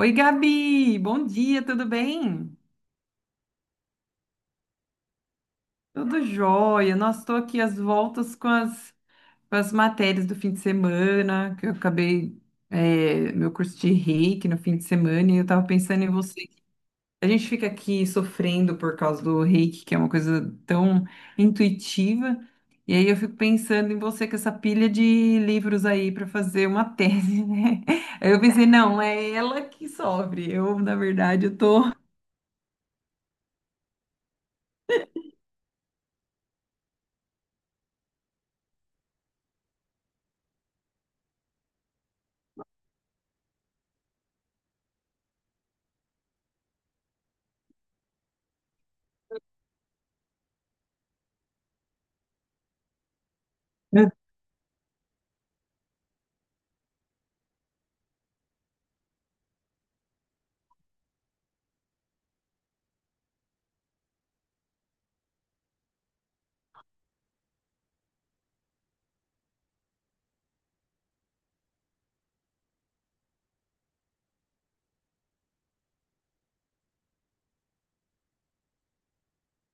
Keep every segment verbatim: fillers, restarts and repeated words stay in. Oi, Gabi, bom dia, tudo bem? Tudo jóia. Nossa, estou aqui às voltas com as, com as matérias do fim de semana, que eu acabei é, meu curso de reiki no fim de semana e eu estava pensando em você. A gente fica aqui sofrendo por causa do reiki, que é uma coisa tão intuitiva, e aí eu fico pensando em você com essa pilha de livros aí para fazer uma tese, né? Aí eu pensei, não, é ela que sofre. Eu, na verdade, eu tô.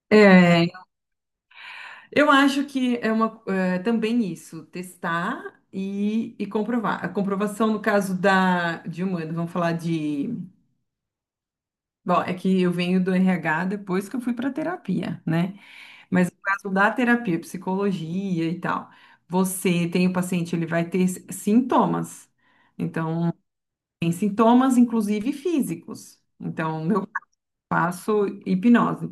É, eu acho que é uma, é, também isso, testar e, e comprovar. A comprovação, no caso da, de humano, vamos falar de. Bom, é que eu venho do R H depois que eu fui para terapia, né? Mas no caso da terapia, psicologia e tal, você tem o paciente, ele vai ter s- sintomas. Então, tem sintomas, inclusive físicos. Então, meu eu faço hipnose.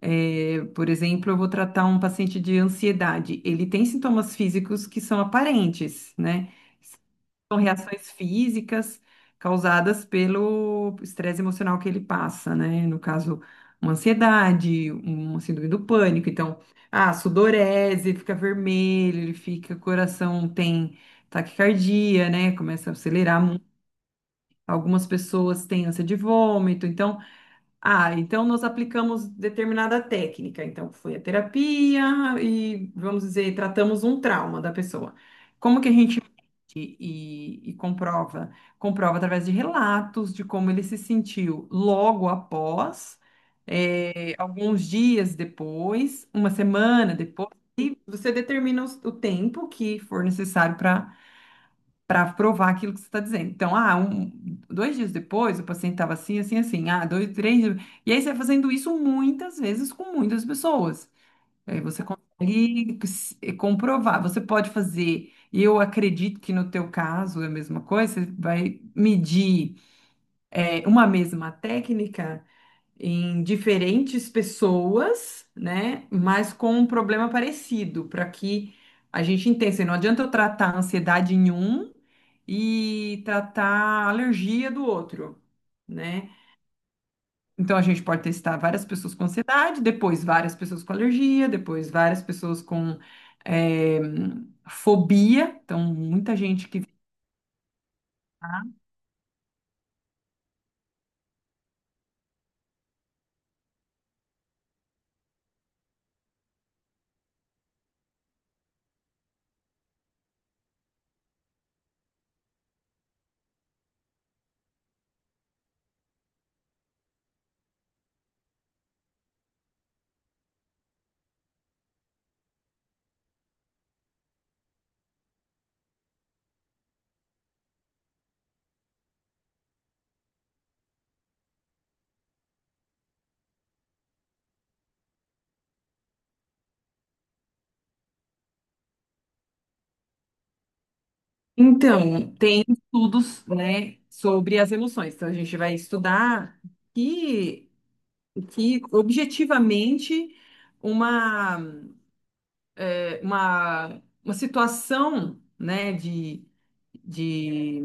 É, por exemplo, eu vou tratar um paciente de ansiedade. Ele tem sintomas físicos que são aparentes, né? São reações físicas causadas pelo estresse emocional que ele passa, né? No caso, uma ansiedade, uma síndrome do pânico. Então, ah, sudorese, fica vermelho, ele fica, coração tem taquicardia, né? Começa a acelerar. mu- Algumas pessoas têm ânsia de vômito. Então, ah, então nós aplicamos determinada técnica. Então, foi a terapia e, vamos dizer, tratamos um trauma da pessoa. Como que a gente mede e, e comprova? Comprova através de relatos de como ele se sentiu logo após, eh, alguns dias depois, uma semana depois, e você determina os- o tempo que for necessário para para provar aquilo que você está dizendo. Então, ah, um, dois dias depois, o paciente estava assim, assim, assim, ah, dois, três. dias- E aí você vai fazendo isso muitas vezes com muitas pessoas. Aí você consegue s- comprovar. Você pode fazer, e eu acredito que no teu caso é a mesma coisa, você vai medir é, uma mesma técnica em diferentes pessoas, né? Mas com um problema parecido, para que a gente entenda. Assim, não adianta eu tratar a ansiedade em um e tratar a alergia do outro, né? Então a gente pode testar várias pessoas com ansiedade, depois várias pessoas com alergia, depois várias pessoas com eh, fobia. Então, muita gente que. Tá. Então, tem estudos, né, sobre as emoções. Então, a gente vai estudar, que que objetivamente uma, uma, uma situação, né, de, de,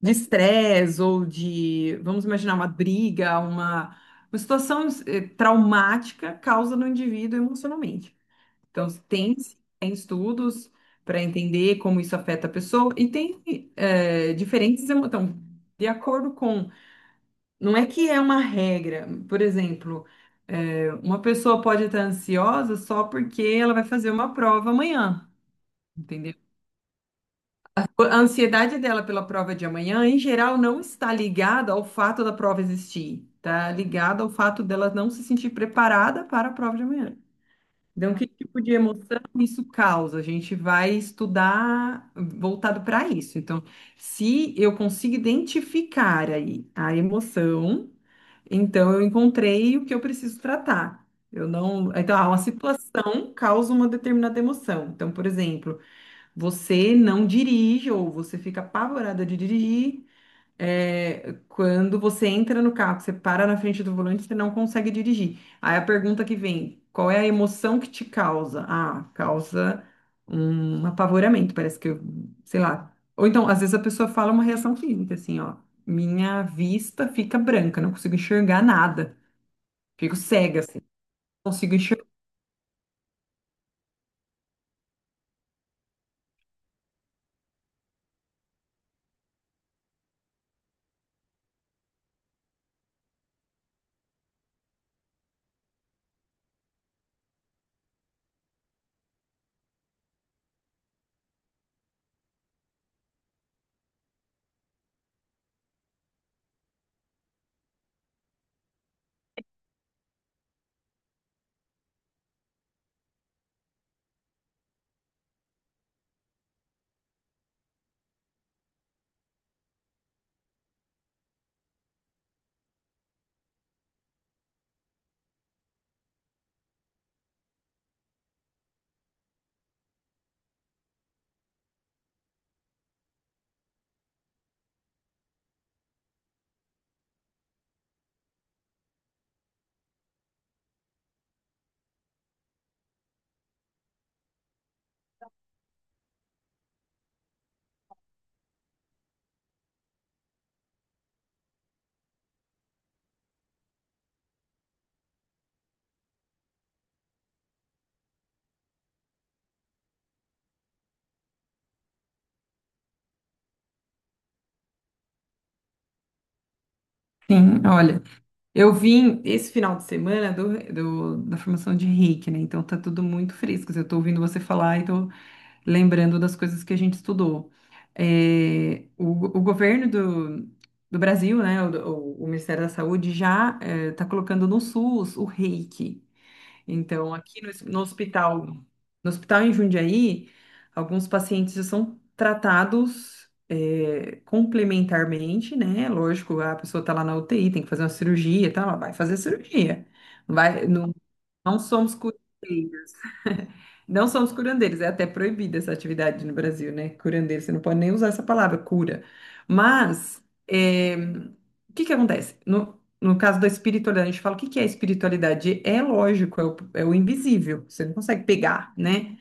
de estresse ou de, vamos imaginar, uma briga, uma, uma situação eh, traumática causa no indivíduo emocionalmente. Então, tem, tem estudos para entender como isso afeta a pessoa e tem eh, diferentes emoções. De acordo com. Não é que é uma regra. Por exemplo, é, uma pessoa pode estar ansiosa só porque ela vai fazer uma prova amanhã, entendeu? A ansiedade dela pela prova de amanhã, em geral, não está ligada ao fato da prova existir. Está ligada ao fato dela não se sentir preparada para a prova de amanhã. Então, que tipo de emoção isso causa? A gente vai estudar voltado para isso. Então, se eu consigo identificar aí a emoção. Então, eu encontrei o que eu preciso tratar. Eu não. Então, ah, uma situação causa uma determinada emoção. Então, por exemplo, você não dirige ou você fica apavorada de dirigir é, quando você entra no carro, que você para na frente do volante, você não consegue dirigir. Aí a pergunta que vem, qual é a emoção que te causa? Ah, causa um apavoramento, parece que eu, sei lá. Ou então, às vezes a pessoa fala uma reação física, assim, ó, minha vista fica branca, não consigo enxergar nada, fico cega, assim, não consigo enxergar. Sim, olha, eu vim esse final de semana do, do- da formação de reiki, né? Então tá tudo muito fresco. Assim, eu tô ouvindo você falar e tô lembrando das coisas que a gente estudou. É, o, o governo do, do Brasil, né, o, o- Ministério da Saúde já está colocando no SUS o reiki. Então, aqui no, no hospital, no hospital em Jundiaí, alguns pacientes já são tratados é, complementarmente, né? Lógico, a pessoa está lá na U T I, tem que fazer uma cirurgia, tá, ela vai fazer cirurgia. Vai, não, não somos curadeiros. Não são os curandeiros, é até proibida essa atividade no Brasil, né? Curandeiro, você não pode nem usar essa palavra, cura. Mas, é, o que que acontece? No, no caso da espiritualidade, a gente fala o que que é espiritualidade? É lógico, é o, é o invisível, você não consegue pegar, né?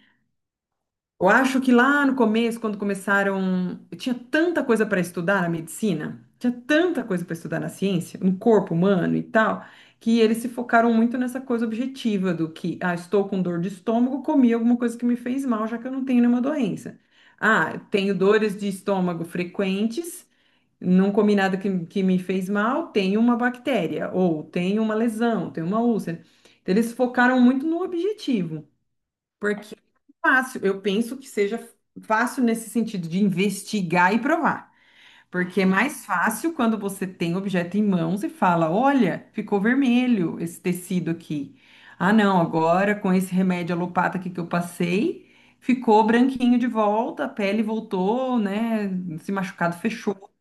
Eu acho que lá no começo, quando começaram, eu tinha tanta coisa para estudar na medicina, tinha tanta coisa para estudar na ciência, no corpo humano e tal, que eles se focaram muito nessa coisa objetiva do que, ah, estou com dor de estômago, comi alguma coisa que me fez mal, já que eu não tenho nenhuma doença. Ah, eu tenho dores de estômago frequentes, não comi nada que, que me fez mal, tenho uma bactéria, ou tenho uma lesão, tenho uma úlcera. Então, eles focaram muito no objetivo. Porque é fácil, eu penso que seja fácil nesse sentido de investigar e provar. Porque é mais fácil quando você tem o objeto em mãos e fala: olha, ficou vermelho esse tecido aqui. Ah, não, agora com esse remédio alopata aqui que eu passei, ficou branquinho de volta, a pele voltou, né? Esse machucado fechou.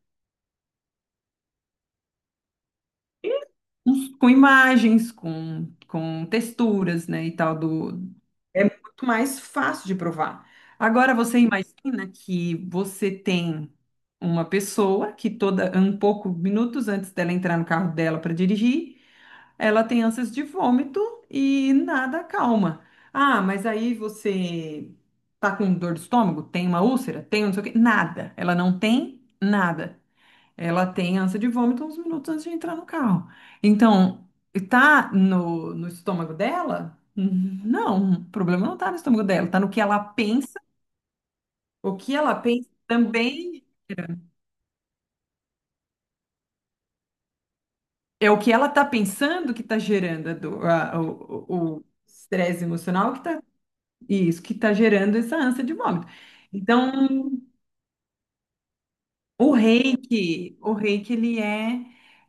Com imagens, com, com texturas, né? E tal do. É muito mais fácil de provar. Agora você imagina que você tem uma pessoa que toda um pouco minutos antes dela entrar no carro dela para dirigir, ela tem ânsias de vômito e nada calma. Ah, mas aí você tá com dor de estômago? Tem uma úlcera? Tem um não sei o quê? Nada. Ela não tem nada. Ela tem ânsia de vômito uns minutos antes de entrar no carro. Então, tá no, no estômago dela? Não, o problema não tá no estômago dela, tá no que ela pensa. O que ela pensa também é o que ela tá pensando que tá gerando a dor- a- o, o- o estresse emocional que tá, isso, que tá gerando essa ânsia de vômito. Então, O reiki, o reiki, ele é,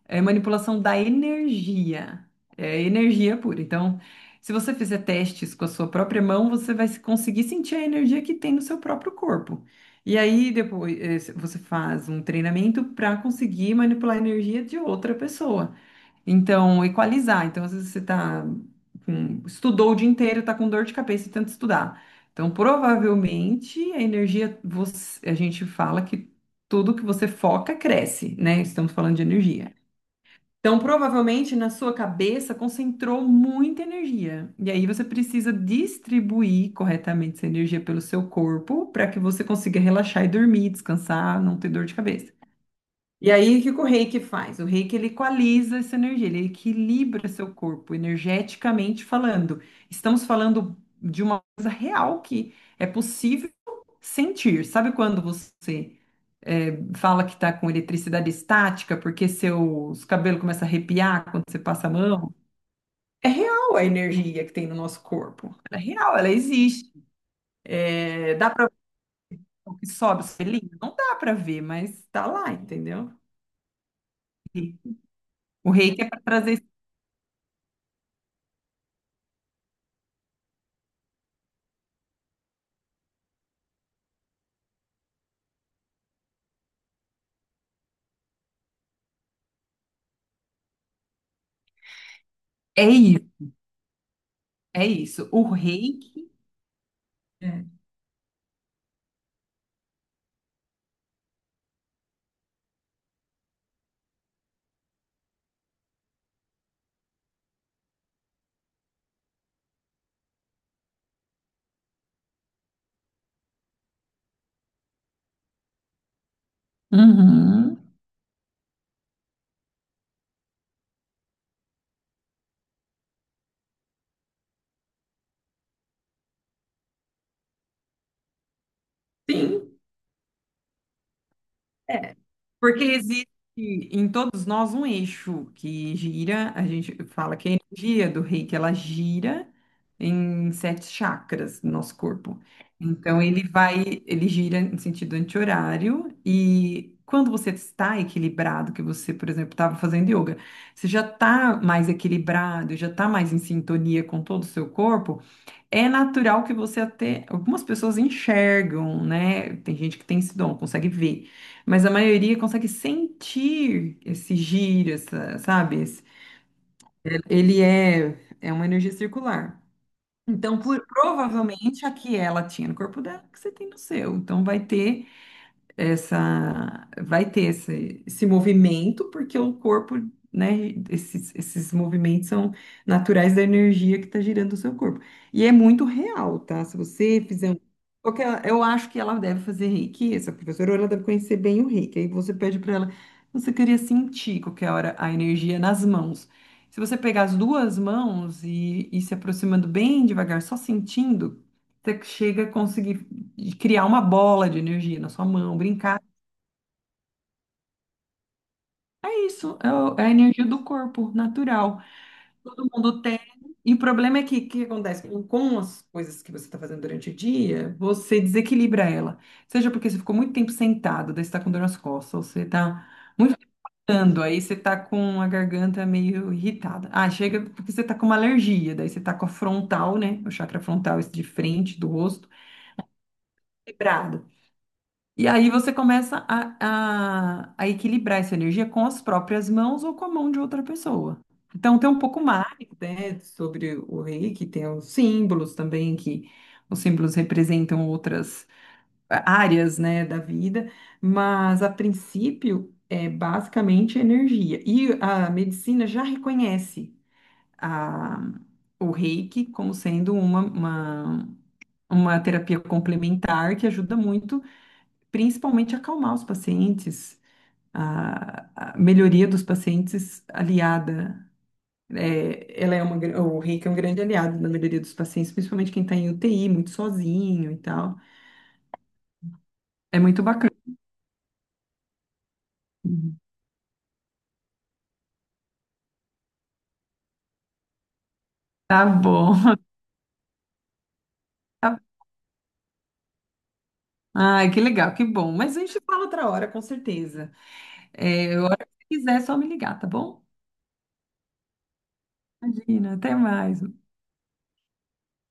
é manipulação da energia, é energia pura. Então, se você fizer testes com a sua própria mão, você vai se- conseguir sentir a energia que tem no seu próprio corpo. E aí, depois, eh, você faz um treinamento para conseguir manipular a energia de outra pessoa. Então, equalizar. Então, às vezes você tá com- estudou o dia inteiro, tá com dor de cabeça e tenta estudar. Então, provavelmente a energia, você- a gente fala que tudo que você foca cresce, né? Estamos falando de energia. Então, provavelmente na sua cabeça concentrou muita energia. E aí você precisa distribuir corretamente essa energia pelo seu corpo para que você consiga relaxar e dormir, descansar, não ter dor de cabeça. E aí, o que que o reiki faz? O reiki ele equaliza essa energia, ele equilibra seu corpo energeticamente falando. Estamos falando de uma coisa real que é possível sentir. Sabe quando você eh, fala que está com eletricidade estática porque seus cabelos começam a arrepiar quando você passa a mão? É real a energia que tem no nosso corpo. Ela é real, ela existe. Eh, dá para ver o que sobe, o selinho? Não dá para ver, mas está lá, entendeu? E o reiki é para trazer. É isso, é isso. O reiki. É. Uhum. Sim, é, porque existe em todos nós um eixo que gira, a gente fala que a energia do reiki, ela gira em sete chakras do nosso corpo. Então, ele vai, ele gira em sentido anti-horário e quando você está equilibrado, que você, por exemplo, estava fazendo yoga, você já está mais equilibrado, já está mais em sintonia com todo o seu corpo, é natural que você até. Algumas pessoas enxergam, né? Tem gente que tem esse dom, consegue ver. Mas a maioria consegue sentir esse giro, essa, sabe? Esse- Ele é, é uma energia circular. Então, por- provavelmente a que ela tinha no corpo dela, que você tem no seu. Então, vai ter essa vai ter esse, esse movimento, porque o corpo, né, esses, esses movimentos são naturais da energia que está girando o seu corpo. E é muito real, tá? Se você fizer um- porque ela- eu acho que ela deve fazer reiki, essa professora, ou ela deve conhecer bem o reiki. Aí você pede para ela, você queria sentir qualquer hora a energia nas mãos. Se você pegar as duas mãos e ir se aproximando bem devagar, só sentindo, você chega a conseguir de criar uma bola de energia na sua mão, brincar. É isso, é, o- é a energia do corpo, natural. Todo mundo tem. E o problema é que o que acontece? Com com as coisas que você está fazendo durante o dia, você desequilibra ela. Seja porque você ficou muito tempo sentado, daí você está com dor nas costas, ou você está muito gritando, aí você está com a garganta meio irritada. Ah, chega porque você está com uma alergia, daí você está com a frontal, né? O chakra frontal esse de frente do rosto, quebrado. E aí você começa a, a, a equilibrar essa energia com as próprias mãos ou com a mão de outra pessoa. Então tem um pouco mais, né, sobre o reiki, tem os símbolos também, que os símbolos representam outras áreas, né, da vida, mas a princípio é basicamente energia. E a medicina já reconhece a, o reiki como sendo uma, uma, uma terapia complementar que ajuda muito principalmente acalmar os pacientes, a, a melhoria dos pacientes aliada. É, ela é uma, gran- o reiki é um grande aliado na melhoria dos pacientes, principalmente quem está em U T I, muito sozinho e tal. É muito bacana. Uhum. Tá bom. Ai, que legal, que bom. Mas a gente fala outra hora, com certeza. É, a hora que você quiser, é só me ligar, tá bom? Imagina, até mais.